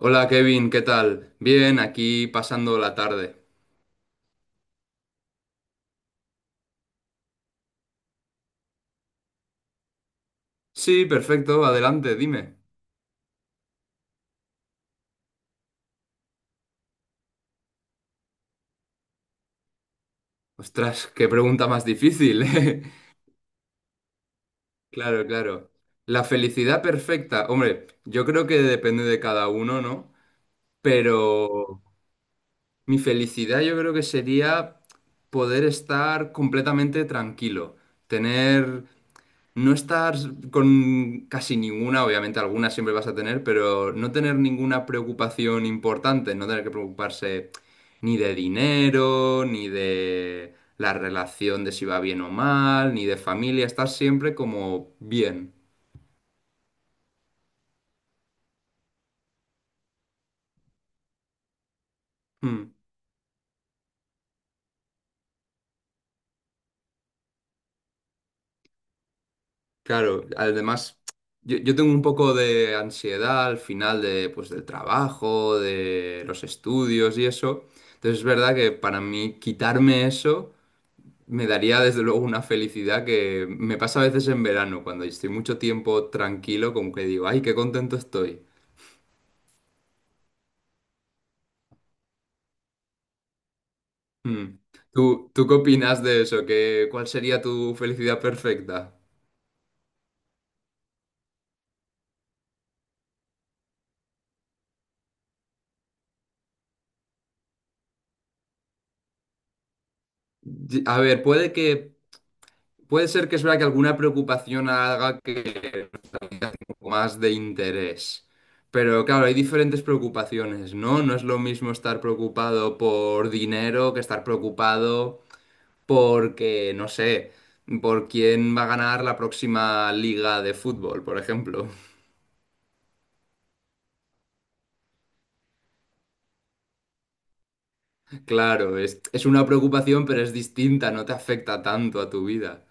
Hola Kevin, ¿qué tal? Bien, aquí pasando la tarde. Sí, perfecto, adelante, dime. Ostras, qué pregunta más difícil, ¿eh? Claro, claro. La felicidad perfecta, hombre, yo creo que depende de cada uno, ¿no? Pero mi felicidad yo creo que sería poder estar completamente tranquilo, tener. No estar con casi ninguna, obviamente alguna siempre vas a tener, pero no tener ninguna preocupación importante, no tener que preocuparse ni de dinero, ni de la relación de si va bien o mal, ni de familia, estar siempre como bien. Mm, claro, además yo tengo un poco de ansiedad al final de, pues, del trabajo, de los estudios y eso, entonces es verdad que para mí quitarme eso me daría desde luego una felicidad que me pasa a veces en verano, cuando estoy mucho tiempo tranquilo, como que digo, ay, qué contento estoy. Mm. ¿Tú qué opinas de eso? ¿Qué, cuál sería tu felicidad perfecta? A ver, puede que, puede ser que es verdad que alguna preocupación haga que un poco más de interés. Pero claro, hay diferentes preocupaciones, ¿no? No es lo mismo estar preocupado por dinero que estar preocupado. Porque, no sé, por quién va a ganar la próxima liga de fútbol, por ejemplo. Claro, es una preocupación, pero es distinta, no te afecta tanto a tu vida.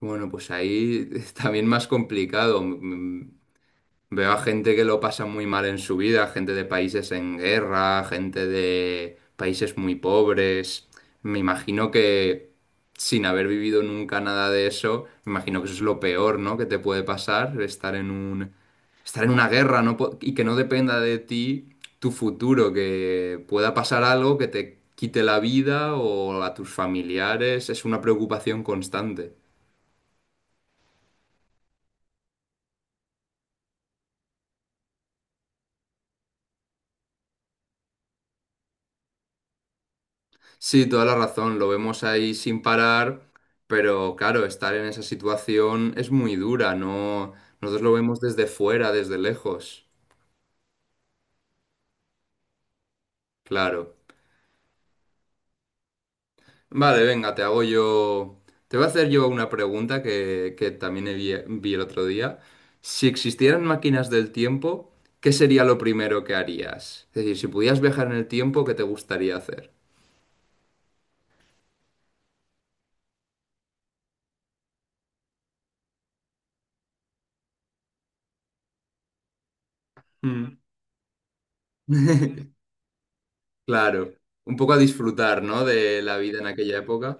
Bueno, pues ahí es también más complicado. Veo a gente que lo pasa muy mal en su vida, gente de países en guerra, gente de países muy pobres. Me imagino que sin haber vivido nunca nada de eso, me imagino que eso es lo peor, ¿no? Que te puede pasar, estar en un, estar en una guerra, y que no dependa de ti tu futuro, que pueda pasar algo que te quite la vida o a tus familiares, es una preocupación constante. Sí, toda la razón, lo vemos ahí sin parar, pero claro, estar en esa situación es muy dura, no, nosotros lo vemos desde fuera, desde lejos, claro. Vale, venga, te hago yo, te voy a hacer yo una pregunta que también vi, vi el otro día. Si existieran máquinas del tiempo, ¿qué sería lo primero que harías? Es decir, si pudieras viajar en el tiempo, ¿qué te gustaría hacer? Mm. Claro, un poco a disfrutar, ¿no? De la vida en aquella época.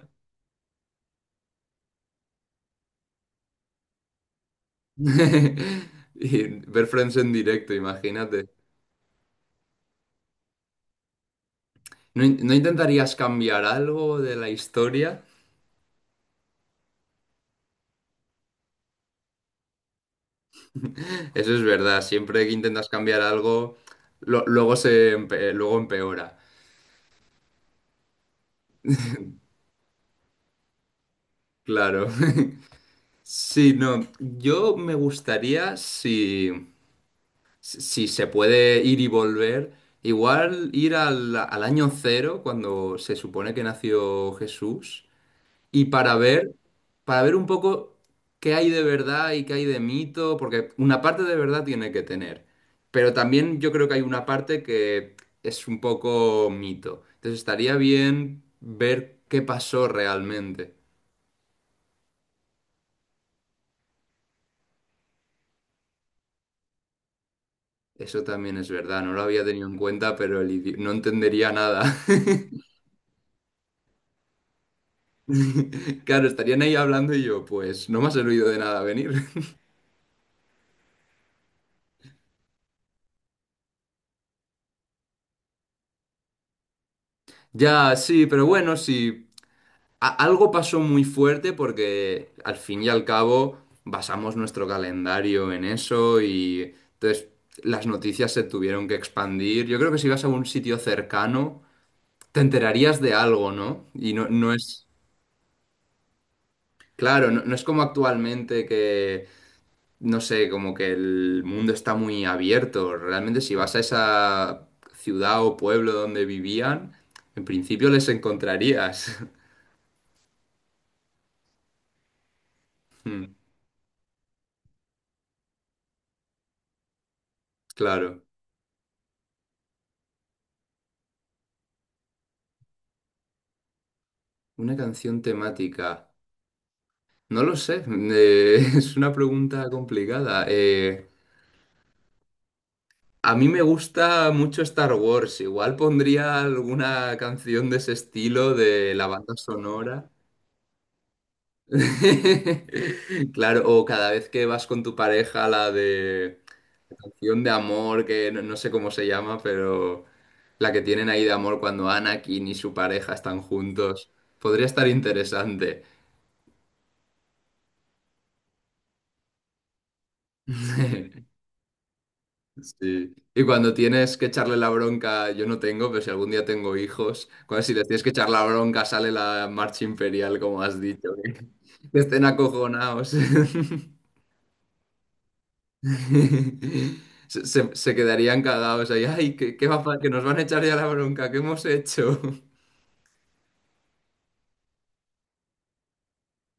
Y ver Friends en directo, imagínate. ¿No, no intentarías cambiar algo de la historia? Eso es verdad, siempre que intentas cambiar algo, luego luego empeora. Claro. Sí, no, yo me gustaría si, si se puede ir y volver, igual ir al, al año cero, cuando se supone que nació Jesús y para ver un poco qué hay de verdad y qué hay de mito, porque una parte de verdad tiene que tener, pero también yo creo que hay una parte que es un poco mito. Entonces estaría bien ver qué pasó realmente. Eso también es verdad, no lo había tenido en cuenta, pero el no entendería nada. Claro, estarían ahí hablando y yo, pues no me has oído de nada venir. Ya, sí, pero bueno, sí. Algo pasó muy fuerte porque al fin y al cabo basamos nuestro calendario en eso y entonces las noticias se tuvieron que expandir. Yo creo que si vas a un sitio cercano te enterarías de algo, ¿no? Y no, no es, claro, no, no es como actualmente que, no sé, como que el mundo está muy abierto. Realmente si vas a esa ciudad o pueblo donde vivían, en principio les encontrarías. Mm, claro. Una canción temática. No lo sé, es una pregunta complicada. A mí me gusta mucho Star Wars, igual pondría alguna canción de ese estilo de la banda sonora. Claro, o cada vez que vas con tu pareja, la de canción de amor, que no, no sé cómo se llama, pero la que tienen ahí de amor cuando Anakin y su pareja están juntos. Podría estar interesante. Sí. Y cuando tienes que echarle la bronca, yo no tengo, pero si algún día tengo hijos, cuando si les tienes que echar la bronca sale la marcha imperial, como has dicho, que estén acojonados. Se, se quedarían cagados ahí. Ay, ¿qué, que nos van a echar ya la bronca?, ¿qué hemos hecho?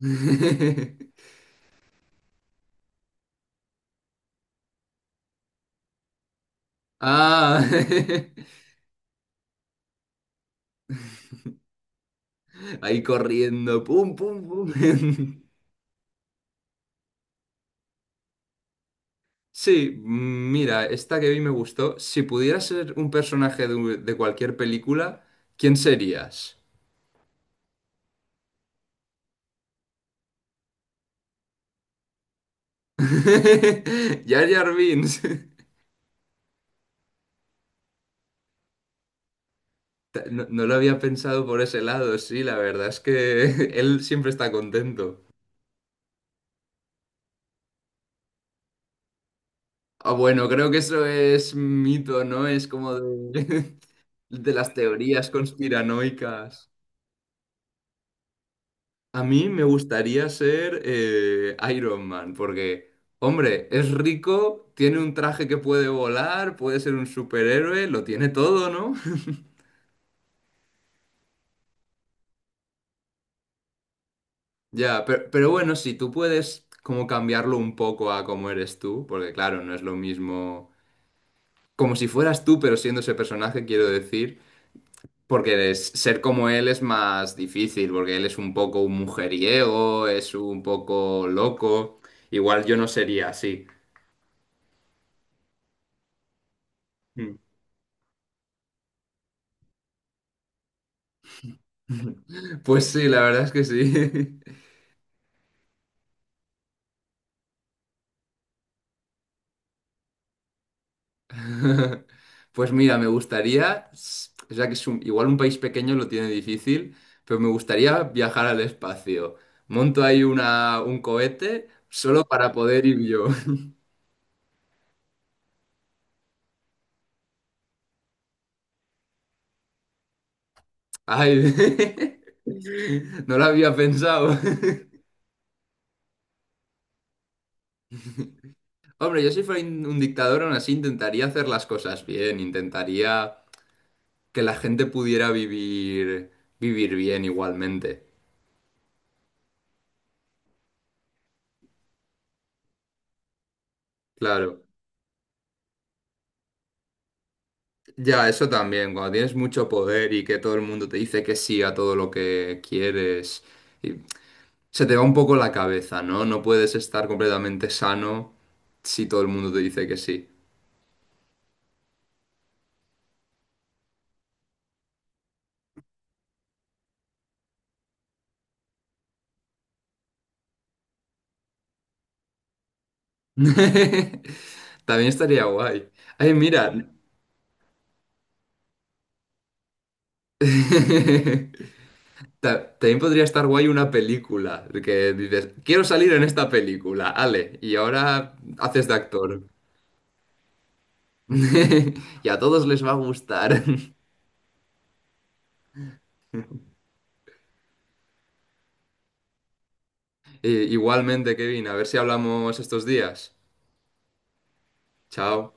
Ah, ahí corriendo, pum, pum, pum. Sí, mira, esta que vi me gustó. Si pudieras ser un personaje de, de cualquier película, ¿quién serías? Jar Jar Binks. No, no lo había pensado por ese lado, sí, la verdad es que él siempre está contento. Ah, bueno, creo que eso es mito, ¿no? Es como de, de las teorías conspiranoicas. A mí me gustaría ser Iron Man, porque, hombre, es rico, tiene un traje que puede volar, puede ser un superhéroe, lo tiene todo, ¿no? Ya, pero bueno, si tú puedes como cambiarlo un poco a cómo eres tú, porque claro, no es lo mismo como si fueras tú, pero siendo ese personaje, quiero decir, ser como él es más difícil, porque él es un poco un mujeriego, es un poco loco, igual yo no sería así. Pues sí, la verdad es que sí. Pues mira, me gustaría, o sea que igual un país pequeño lo tiene difícil, pero me gustaría viajar al espacio. Monto ahí una, un cohete solo para poder ir yo. Ay, no lo había pensado. Hombre, yo si fuera un dictador, aún así intentaría hacer las cosas bien, intentaría que la gente pudiera vivir, vivir bien igualmente. Claro. Ya, eso también, cuando tienes mucho poder y que todo el mundo te dice que sí a todo lo que quieres, y se te va un poco la cabeza, ¿no? No puedes estar completamente sano si todo el mundo te dice que sí. También estaría guay. Ay, mira, también podría estar guay una película, de que dices, quiero salir en esta película, Ale, y ahora haces de actor. Y a todos les va a gustar. Igualmente, Kevin, a ver si hablamos estos días. Chao.